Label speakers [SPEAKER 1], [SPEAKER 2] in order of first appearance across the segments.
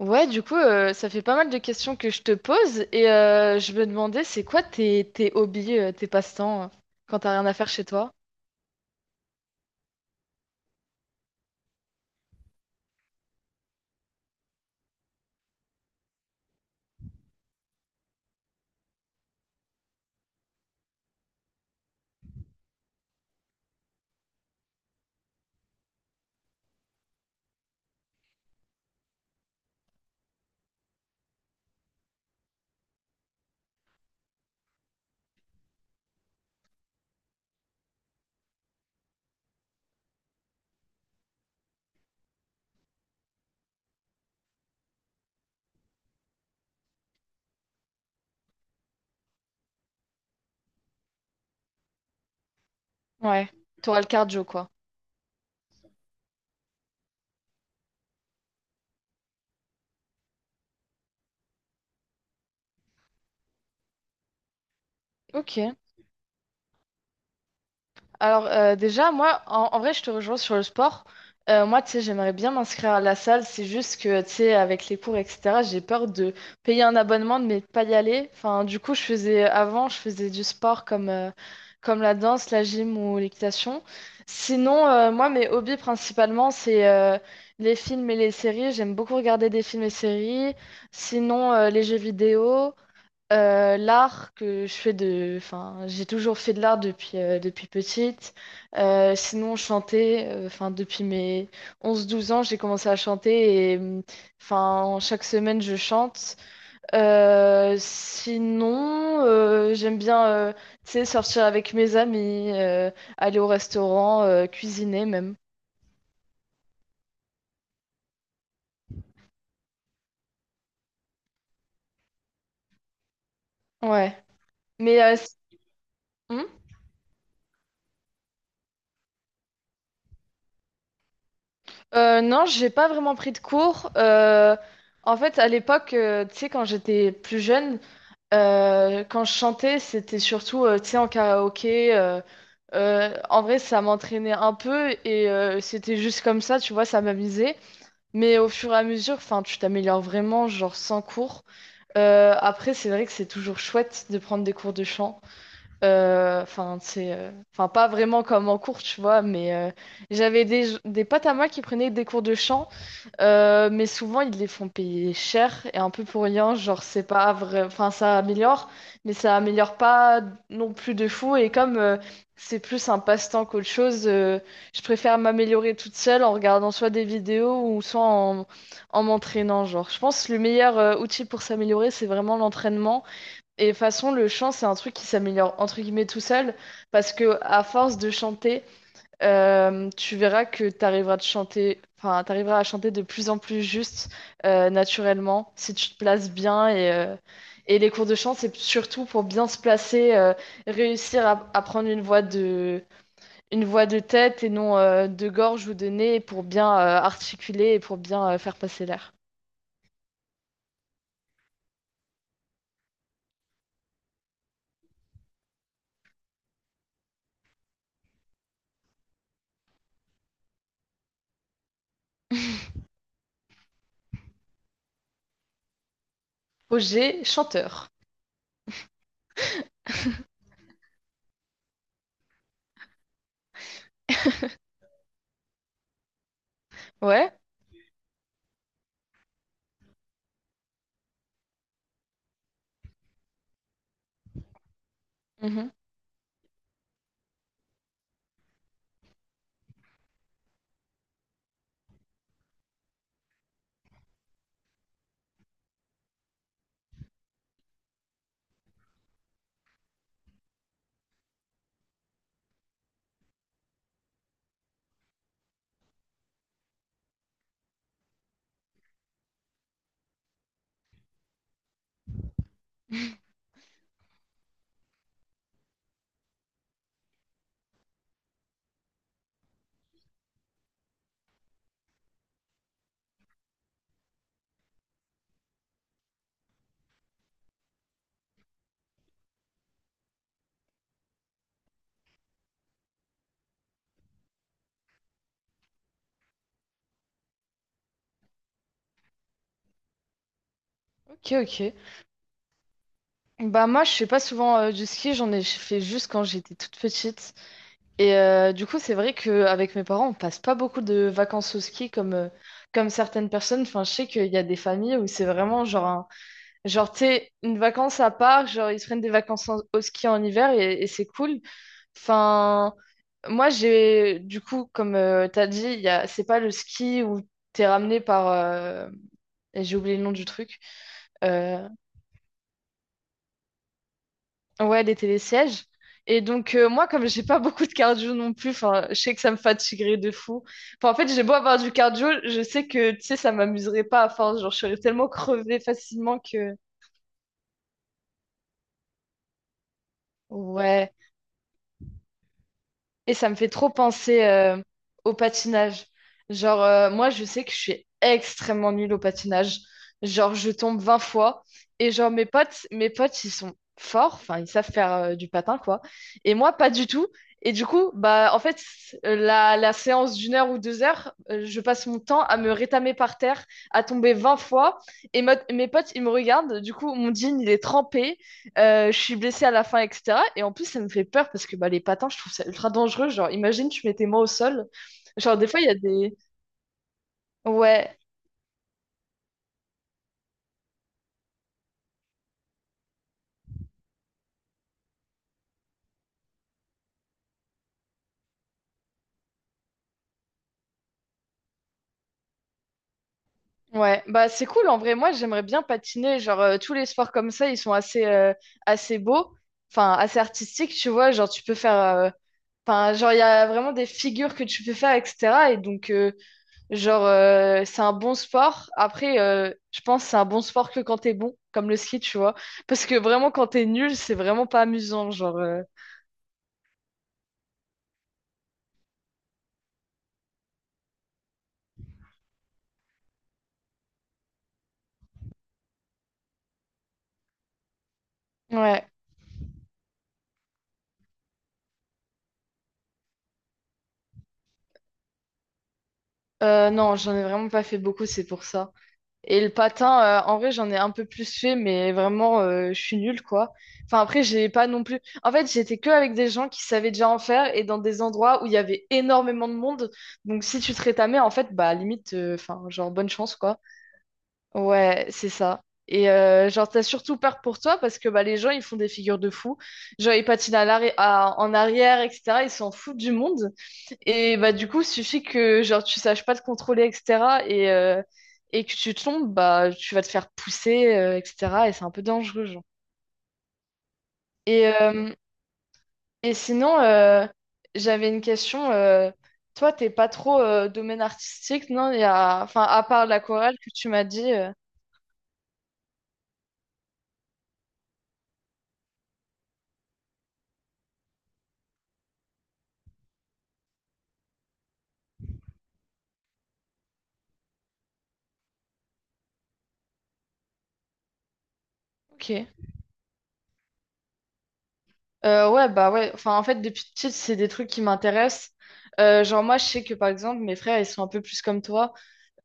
[SPEAKER 1] Ça fait pas mal de questions que je te pose et je me demandais, c'est quoi tes hobbies, tes passe-temps quand t'as rien à faire chez toi? Ouais, t'auras le cardio, quoi. Ok. Alors déjà, moi, en vrai, je te rejoins sur le sport. Moi, tu sais, j'aimerais bien m'inscrire à la salle. C'est juste que, tu sais, avec les cours, etc., j'ai peur de payer un abonnement, mais de pas y aller. Enfin, du coup, je faisais avant, je faisais du sport comme, comme la danse, la gym ou l'équitation. Sinon, moi, mes hobbies principalement, c'est les films et les séries. J'aime beaucoup regarder des films et séries. Sinon, les jeux vidéo. L'art que je fais de, enfin, j'ai toujours fait de l'art depuis, depuis petite. Sinon, chanter, enfin, depuis mes 11 12 ans, j'ai commencé à chanter et enfin, chaque semaine, je chante. Sinon, j'aime bien, tu sais, sortir avec mes amis, aller au restaurant, cuisiner même. Ouais. Mais euh, s- hmm non, j'ai pas vraiment pris de cours. En fait, à l'époque, tu sais, quand j'étais plus jeune, quand je chantais, c'était surtout, tu sais, en karaoké. En vrai, ça m'entraînait un peu et c'était juste comme ça, tu vois, ça m'amusait. Mais au fur et à mesure, enfin, tu t'améliores vraiment, genre sans cours. Après, c'est vrai que c'est toujours chouette de prendre des cours de chant. Enfin, c'est, enfin, pas vraiment comme en cours, tu vois, mais j'avais des potes à moi qui prenaient des cours de chant mais souvent, ils les font payer cher et un peu pour rien. Genre, c'est pas vrai. Enfin, ça améliore, mais ça améliore pas non plus de fou. Et comme c'est plus un passe-temps qu'autre chose, je préfère m'améliorer toute seule en regardant soit des vidéos ou soit en, en m'entraînant. Genre, je pense que le meilleur outil pour s'améliorer, c'est vraiment l'entraînement. Et de toute façon, le chant, c'est un truc qui s'améliore entre guillemets tout seul parce que à force de chanter tu verras que tu arriveras de chanter, enfin, tu à chanter de plus en plus juste, naturellement, si tu te places bien. Et les cours de chant, c'est surtout pour bien se placer, réussir à prendre une voix de tête et non de gorge ou de nez pour bien articuler et pour bien faire passer l'air. Projet chanteur. Ouais. Mhm. Ok, ok. Bah moi, je fais pas souvent du ski, j'en ai fait juste quand j'étais toute petite. Et du coup, c'est vrai qu'avec mes parents, on passe pas beaucoup de vacances au ski comme, comme certaines personnes. Enfin, je sais qu'il y a des familles où c'est vraiment genre, genre, tu sais, une vacance à part, genre, ils se prennent des vacances au ski en hiver et c'est cool. Enfin, moi, j'ai, du coup, comme tu as dit, il y a, c'est pas le ski où t'es ramené par, et j'ai oublié le nom du truc. euh, Ouais, les télésièges. Et donc, moi, comme j'ai pas beaucoup de cardio non plus, enfin, je sais que ça me fatiguerait de fou. Enfin, en fait, j'ai beau avoir du cardio, je sais que, tu sais, ça m'amuserait pas à force. Genre, je serais tellement crevée facilement que... Ouais. Et ça me fait trop penser au patinage. Genre, moi, je sais que je suis extrêmement nulle au patinage. Genre, je tombe 20 fois. Et genre, mes potes, ils sont forts. Enfin, ils savent faire du patin, quoi. Et moi, pas du tout. Et du coup, bah, en fait, la séance d'1 heure ou 2 heures, je passe mon temps à me rétamer par terre, à tomber 20 fois. Et mes potes, ils me regardent. Du coup, mon jean, il est trempé. Je suis blessée à la fin, etc. Et en plus, ça me fait peur parce que bah, les patins, je trouve ça ultra dangereux. Genre, imagine, tu mettais moi au sol. Genre, des fois, il y a des... Ouais, ouais. Bah, c'est cool. En vrai, moi, j'aimerais bien patiner. Genre, tous les sports comme ça, ils sont assez, assez beaux. Enfin, assez artistiques, tu vois. Genre, tu peux faire... Enfin, genre, il y a vraiment des figures que tu peux faire, etc. Et donc, genre, c'est un bon sport. Après, je pense que c'est un bon sport que quand t'es bon, comme le ski, tu vois. Parce que vraiment, quand t'es nul, c'est vraiment pas amusant. Genre... Ouais, non, j'en ai vraiment pas fait beaucoup, c'est pour ça. Et le patin, en vrai, j'en ai un peu plus fait, mais vraiment, je suis nulle, quoi. Enfin, après, j'ai pas non plus. En fait, j'étais que avec des gens qui savaient déjà en faire et dans des endroits où il y avait énormément de monde. Donc, si tu te rétamais, en fait, bah, limite, enfin, genre, bonne chance, quoi. Ouais, c'est ça. Et genre, t'as surtout peur pour toi parce que bah, les gens, ils font des figures de fous. Genre, ils patinent en arrière, etc. Ils s'en foutent du monde. Et bah, du coup, suffit que genre, tu saches pas te contrôler, etc. Et que tu tombes, bah, tu vas te faire pousser, etc. Et c'est un peu dangereux, genre. Et, euh, et sinon, j'avais une question. Toi, t'es pas trop domaine artistique, non? Il y a... Enfin, à part l'aquarelle que tu m'as dit. Ok. Ouais, bah ouais. Enfin, en fait, depuis petite, c'est des trucs qui m'intéressent. Genre, moi, je sais que par exemple, mes frères, ils sont un peu plus comme toi.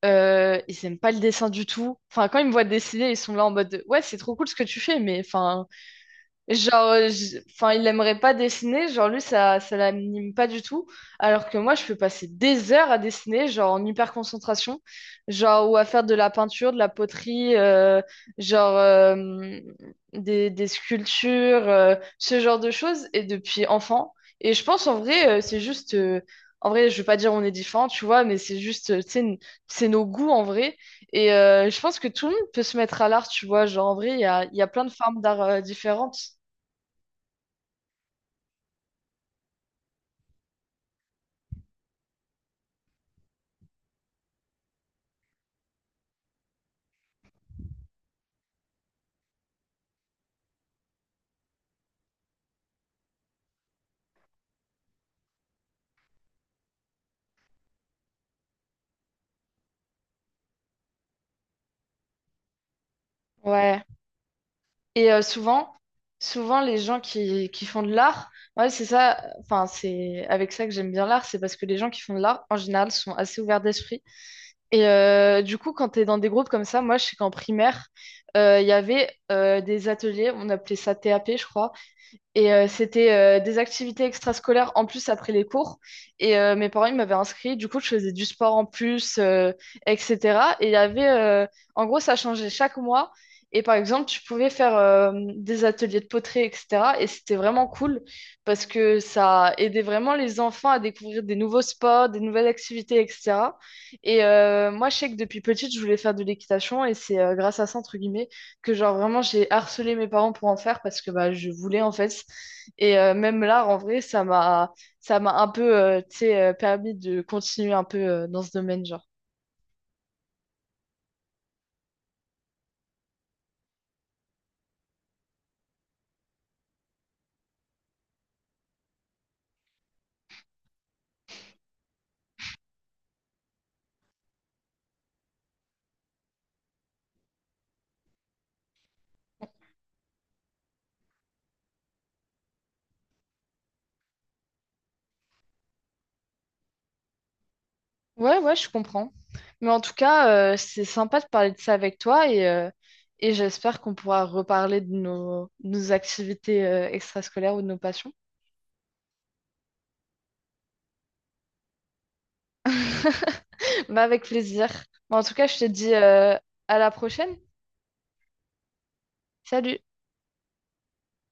[SPEAKER 1] Ils aiment pas le dessin du tout. Enfin, quand ils me voient dessiner, ils sont là en mode, de, ouais, c'est trop cool ce que tu fais, mais enfin. Genre, enfin, il aimerait pas dessiner, genre lui, ça l'anime pas du tout, alors que moi, je peux passer des heures à dessiner, genre en hyper concentration, genre, ou à faire de la peinture, de la poterie, genre des sculptures, ce genre de choses, et depuis enfant. Et je pense, en vrai, c'est juste, en vrai, je veux pas dire on est différents, tu vois, mais c'est juste, tu sais, c'est nos goûts, en vrai. Et je pense que tout le monde peut se mettre à l'art, tu vois. Genre, en vrai, il y a plein de formes d'art différentes. Ouais. Et souvent les gens qui font de l'art, ouais, c'est ça, enfin, c'est avec ça que j'aime bien l'art, c'est parce que les gens qui font de l'art, en général, sont assez ouverts d'esprit. Et du coup, quand t'es dans des groupes comme ça, moi, je sais qu'en primaire, il y avait des ateliers, on appelait ça TAP, je crois, et c'était des activités extrascolaires en plus après les cours. Et mes parents, ils m'avaient inscrit. Du coup, je faisais du sport en plus, etc. Et il y avait, en gros, ça changeait chaque mois. Et par exemple, tu pouvais faire des ateliers de poterie, etc. Et c'était vraiment cool parce que ça aidait vraiment les enfants à découvrir des nouveaux sports, des nouvelles activités, etc. Et moi, je sais que depuis petite, je voulais faire de l'équitation et c'est grâce à ça, entre guillemets que genre vraiment j'ai harcelé mes parents pour en faire parce que bah je voulais en fait et même là en vrai ça m'a un peu tu sais, permis de continuer un peu dans ce domaine genre ouais ouais je comprends mais en tout cas c'est sympa de parler de ça avec toi et et j'espère qu'on pourra reparler de nos activités extrascolaires ou de nos passions bah avec plaisir. Bon, en tout cas je te dis à la prochaine. Salut.